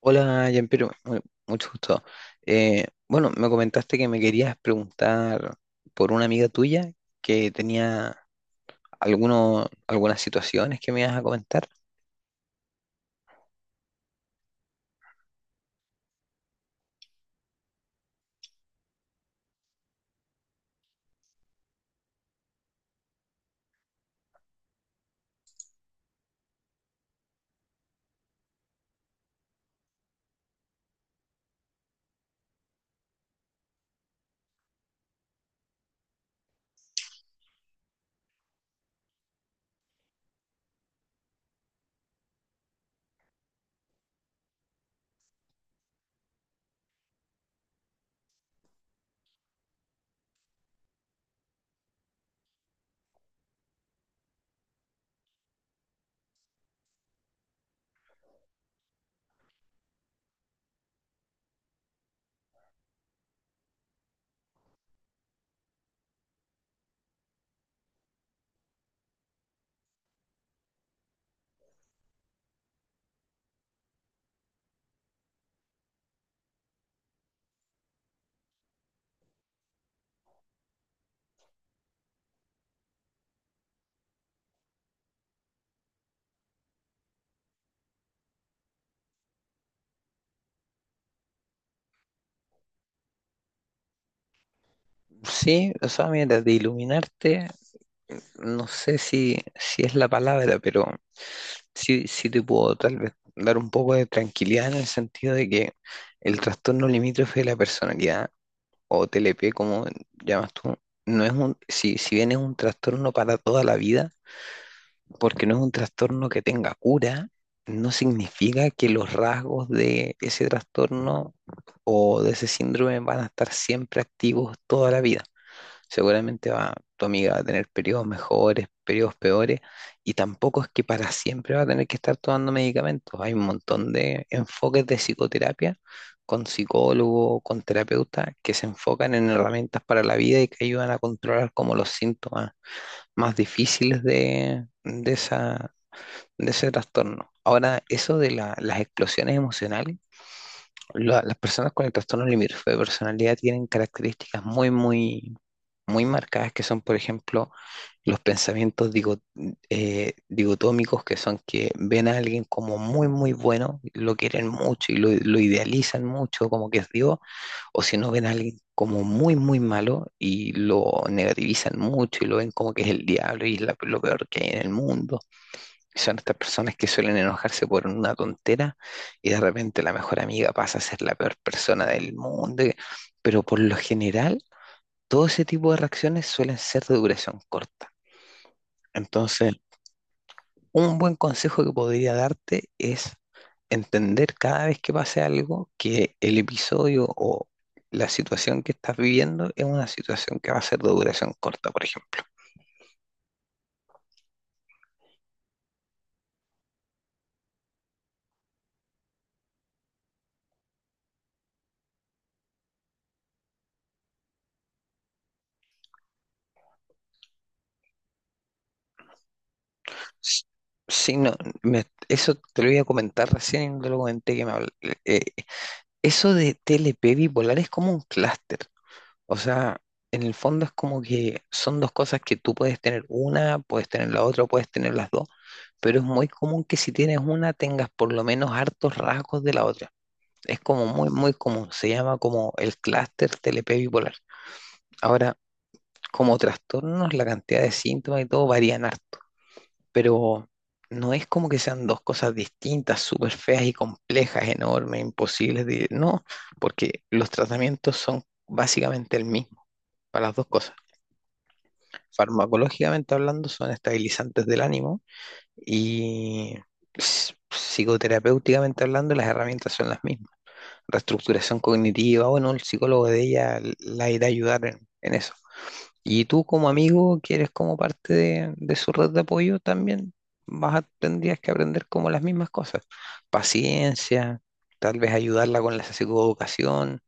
Hola, Jean-Pierre, mucho gusto. Bueno, me comentaste que me querías preguntar por una amiga tuya que tenía algunas situaciones que me ibas a comentar. Sí, o sea, mira, de iluminarte, no sé si es la palabra, pero sí, sí te puedo tal vez dar un poco de tranquilidad en el sentido de que el trastorno limítrofe de la personalidad, o TLP, como llamas tú, no es un, si bien es un trastorno para toda la vida, porque no es un trastorno que tenga cura, no significa que los rasgos de ese trastorno o de ese síndrome van a estar siempre activos toda la vida. Seguramente tu amiga va a tener periodos mejores, periodos peores, y tampoco es que para siempre va a tener que estar tomando medicamentos. Hay un montón de enfoques de psicoterapia con psicólogo, con terapeuta, que se enfocan en herramientas para la vida y que ayudan a controlar como los síntomas más difíciles de esa, de ese trastorno. Ahora, eso de las explosiones emocionales, las personas con el trastorno limítrofe de personalidad tienen características muy, muy, muy marcadas, que son, por ejemplo, los pensamientos digotómicos, que son que ven a alguien como muy, muy bueno, lo quieren mucho y lo idealizan mucho, como que es Dios, o si no ven a alguien como muy, muy malo y lo negativizan mucho y lo ven como que es el diablo y es lo peor que hay en el mundo. Son estas personas que suelen enojarse por una tontera y de repente la mejor amiga pasa a ser la peor persona del mundo. Pero por lo general, todo ese tipo de reacciones suelen ser de duración corta. Entonces, un buen consejo que podría darte es entender cada vez que pase algo que el episodio o la situación que estás viviendo es una situación que va a ser de duración corta, por ejemplo. S- Sí, no, eso te lo iba a comentar recién y no te lo comenté que me eh, eso de TLP bipolar es como un clúster. O sea, en el fondo es como que son dos cosas que tú puedes tener una, puedes tener la otra, puedes tener las dos, pero es muy común que si tienes una tengas por lo menos hartos rasgos de la otra. Es como muy, muy común. Se llama como el clúster TLP bipolar. Ahora, como trastornos, la cantidad de síntomas y todo varían harto, pero no es como que sean dos cosas distintas, súper feas y complejas, enormes, imposibles de... No, porque los tratamientos son básicamente el mismo para las dos cosas. Farmacológicamente hablando, son estabilizantes del ánimo y psicoterapéuticamente hablando, las herramientas son las mismas. Reestructuración cognitiva, bueno, el psicólogo de ella la irá a ayudar en eso. Y tú, como amigo que eres, como parte de su red de apoyo también tendrías que aprender como las mismas cosas. Paciencia, tal vez ayudarla con la psicoeducación.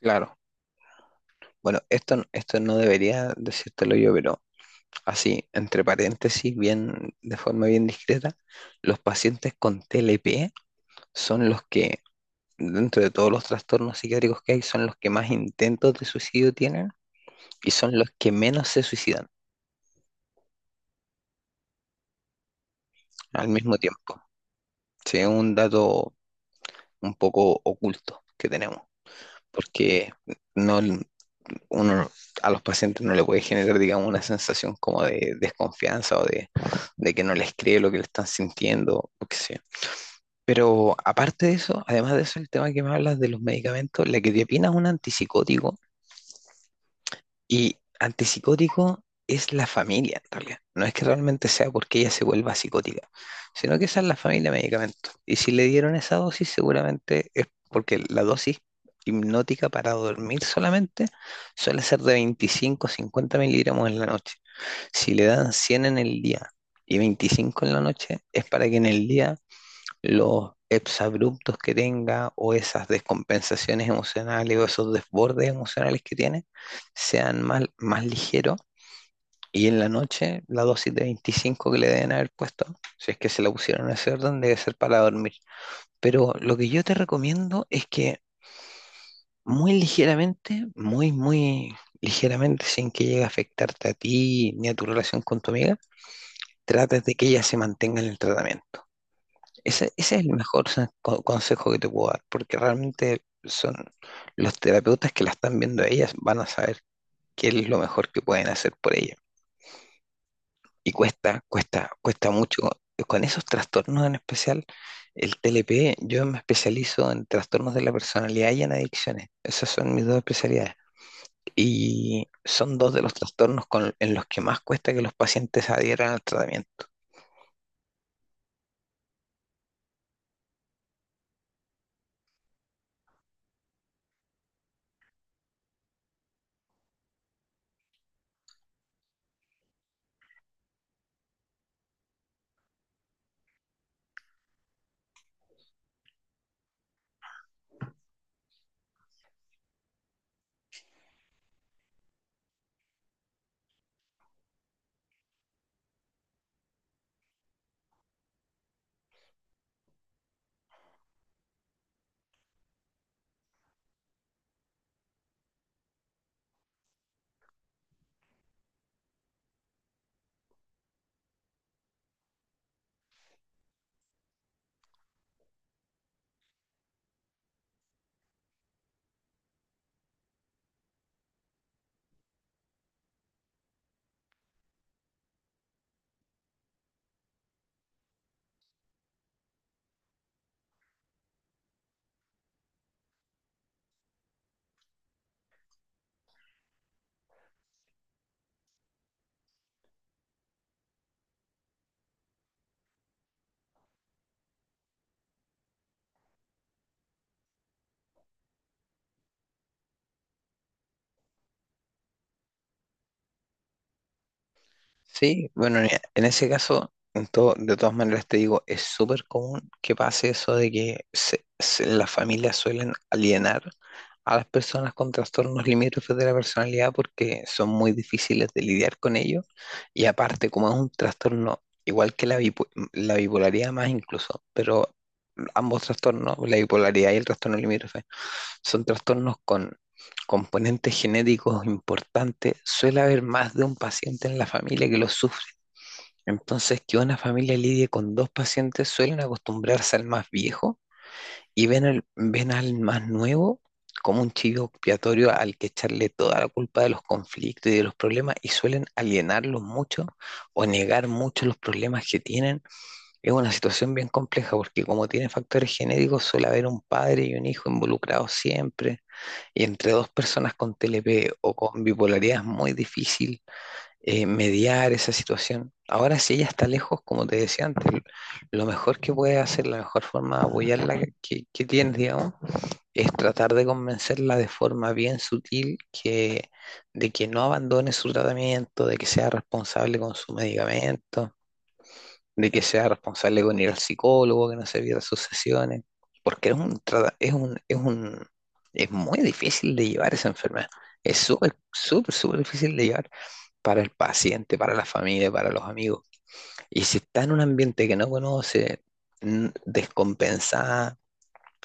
Claro, bueno, esto, esto no debería decírtelo yo, pero así, entre paréntesis, bien, de forma bien discreta, los pacientes con TLP son los que, dentro de todos los trastornos psiquiátricos que hay, son los que más intentos de suicidio tienen y son los que menos se suicidan al mismo tiempo. Sí, es un dato un poco oculto que tenemos, porque no, uno a los pacientes no le puede generar, digamos, una sensación como de desconfianza o de que no les cree lo que le están sintiendo, o qué sé yo. Pero aparte de eso, además de eso, el tema que me hablas de los medicamentos, la quetiapina es un antipsicótico. Y antipsicótico es la familia, en realidad. No es que realmente sea porque ella se vuelva psicótica, sino que esa es la familia de medicamentos. Y si le dieron esa dosis, seguramente es porque la dosis hipnótica para dormir solamente suele ser de 25 a 50 miligramos en la noche. Si le dan 100 en el día y 25 en la noche, es para que en el día los exabruptos que tenga o esas descompensaciones emocionales o esos desbordes emocionales que tiene sean más, más ligeros. Y en la noche, la dosis de 25 que le deben haber puesto, si es que se la pusieron en ese orden, debe ser para dormir. Pero lo que yo te recomiendo es que muy ligeramente, muy, muy ligeramente, sin que llegue a afectarte a ti ni a tu relación con tu amiga, trates de que ella se mantenga en el tratamiento. Ese es el mejor consejo que te puedo dar, porque realmente son los terapeutas que la están viendo a ellas van a saber qué es lo mejor que pueden hacer por ella. Y cuesta, cuesta, cuesta mucho. Con esos trastornos en especial, el TLP, yo me especializo en trastornos de la personalidad y en adicciones. Esas son mis dos especialidades. Y son dos de los trastornos en los que más cuesta que los pacientes adhieran al tratamiento. Sí, bueno, en ese caso, en de todas maneras te digo, es súper común que pase eso de que las familias suelen alienar a las personas con trastornos limítrofes de la personalidad porque son muy difíciles de lidiar con ellos, y aparte como es un trastorno igual que la bipolaridad más incluso, pero ambos trastornos, la bipolaridad y el trastorno limítrofe, son trastornos con componentes genéticos importantes, suele haber más de un paciente en la familia que lo sufre. Entonces, que una familia lidie con dos pacientes, suelen acostumbrarse al más viejo y ven, ven al más nuevo como un chivo expiatorio al que echarle toda la culpa de los conflictos y de los problemas, y suelen alienarlos mucho o negar mucho los problemas que tienen. Es una situación bien compleja porque como tiene factores genéticos suele haber un padre y un hijo involucrados siempre, y entre dos personas con TLP o con bipolaridad es muy difícil mediar esa situación. Ahora, si ella está lejos, como te decía antes, lo mejor que puede hacer, la mejor forma de apoyarla que tienes, digamos, es tratar de convencerla de forma bien sutil de que no abandone su tratamiento, de que sea responsable con su medicamento, de que sea responsable con ir al psicólogo, que no se pierda sus sesiones, porque es un, es un, es un, es muy difícil de llevar esa enfermedad. Es súper, súper, súper difícil de llevar para el paciente, para la familia, para los amigos. Y si está en un ambiente que no conoce, descompensada,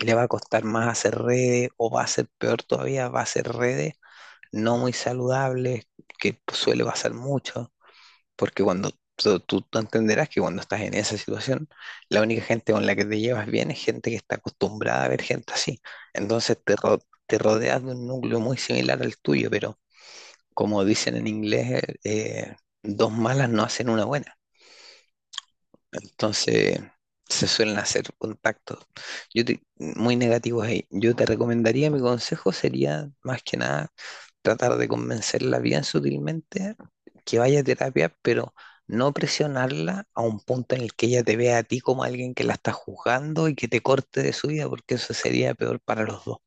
le va a costar más hacer redes, o va a ser peor todavía, va a hacer redes no muy saludables, que suele pasar mucho. Porque cuando entenderás que cuando estás en esa situación, la única gente con la que te llevas bien es gente que está acostumbrada a ver gente así. Entonces te rodeas de un núcleo muy similar al tuyo, pero como dicen en inglés, dos malas no hacen una buena. Entonces se suelen hacer contactos muy negativos ahí. Yo te recomendaría, mi consejo sería más que nada tratar de convencerla bien sutilmente que vaya a terapia, pero no presionarla a un punto en el que ella te vea a ti como alguien que la está juzgando y que te corte de su vida, porque eso sería peor para los dos.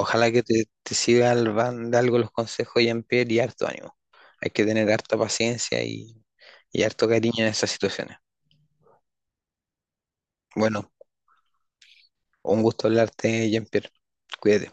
Ojalá que te siga al van de algo los consejos, Jean-Pierre, y harto ánimo. Hay que tener harta paciencia y harto cariño en esas situaciones. Bueno, un gusto hablarte, Jean-Pierre. Cuídate.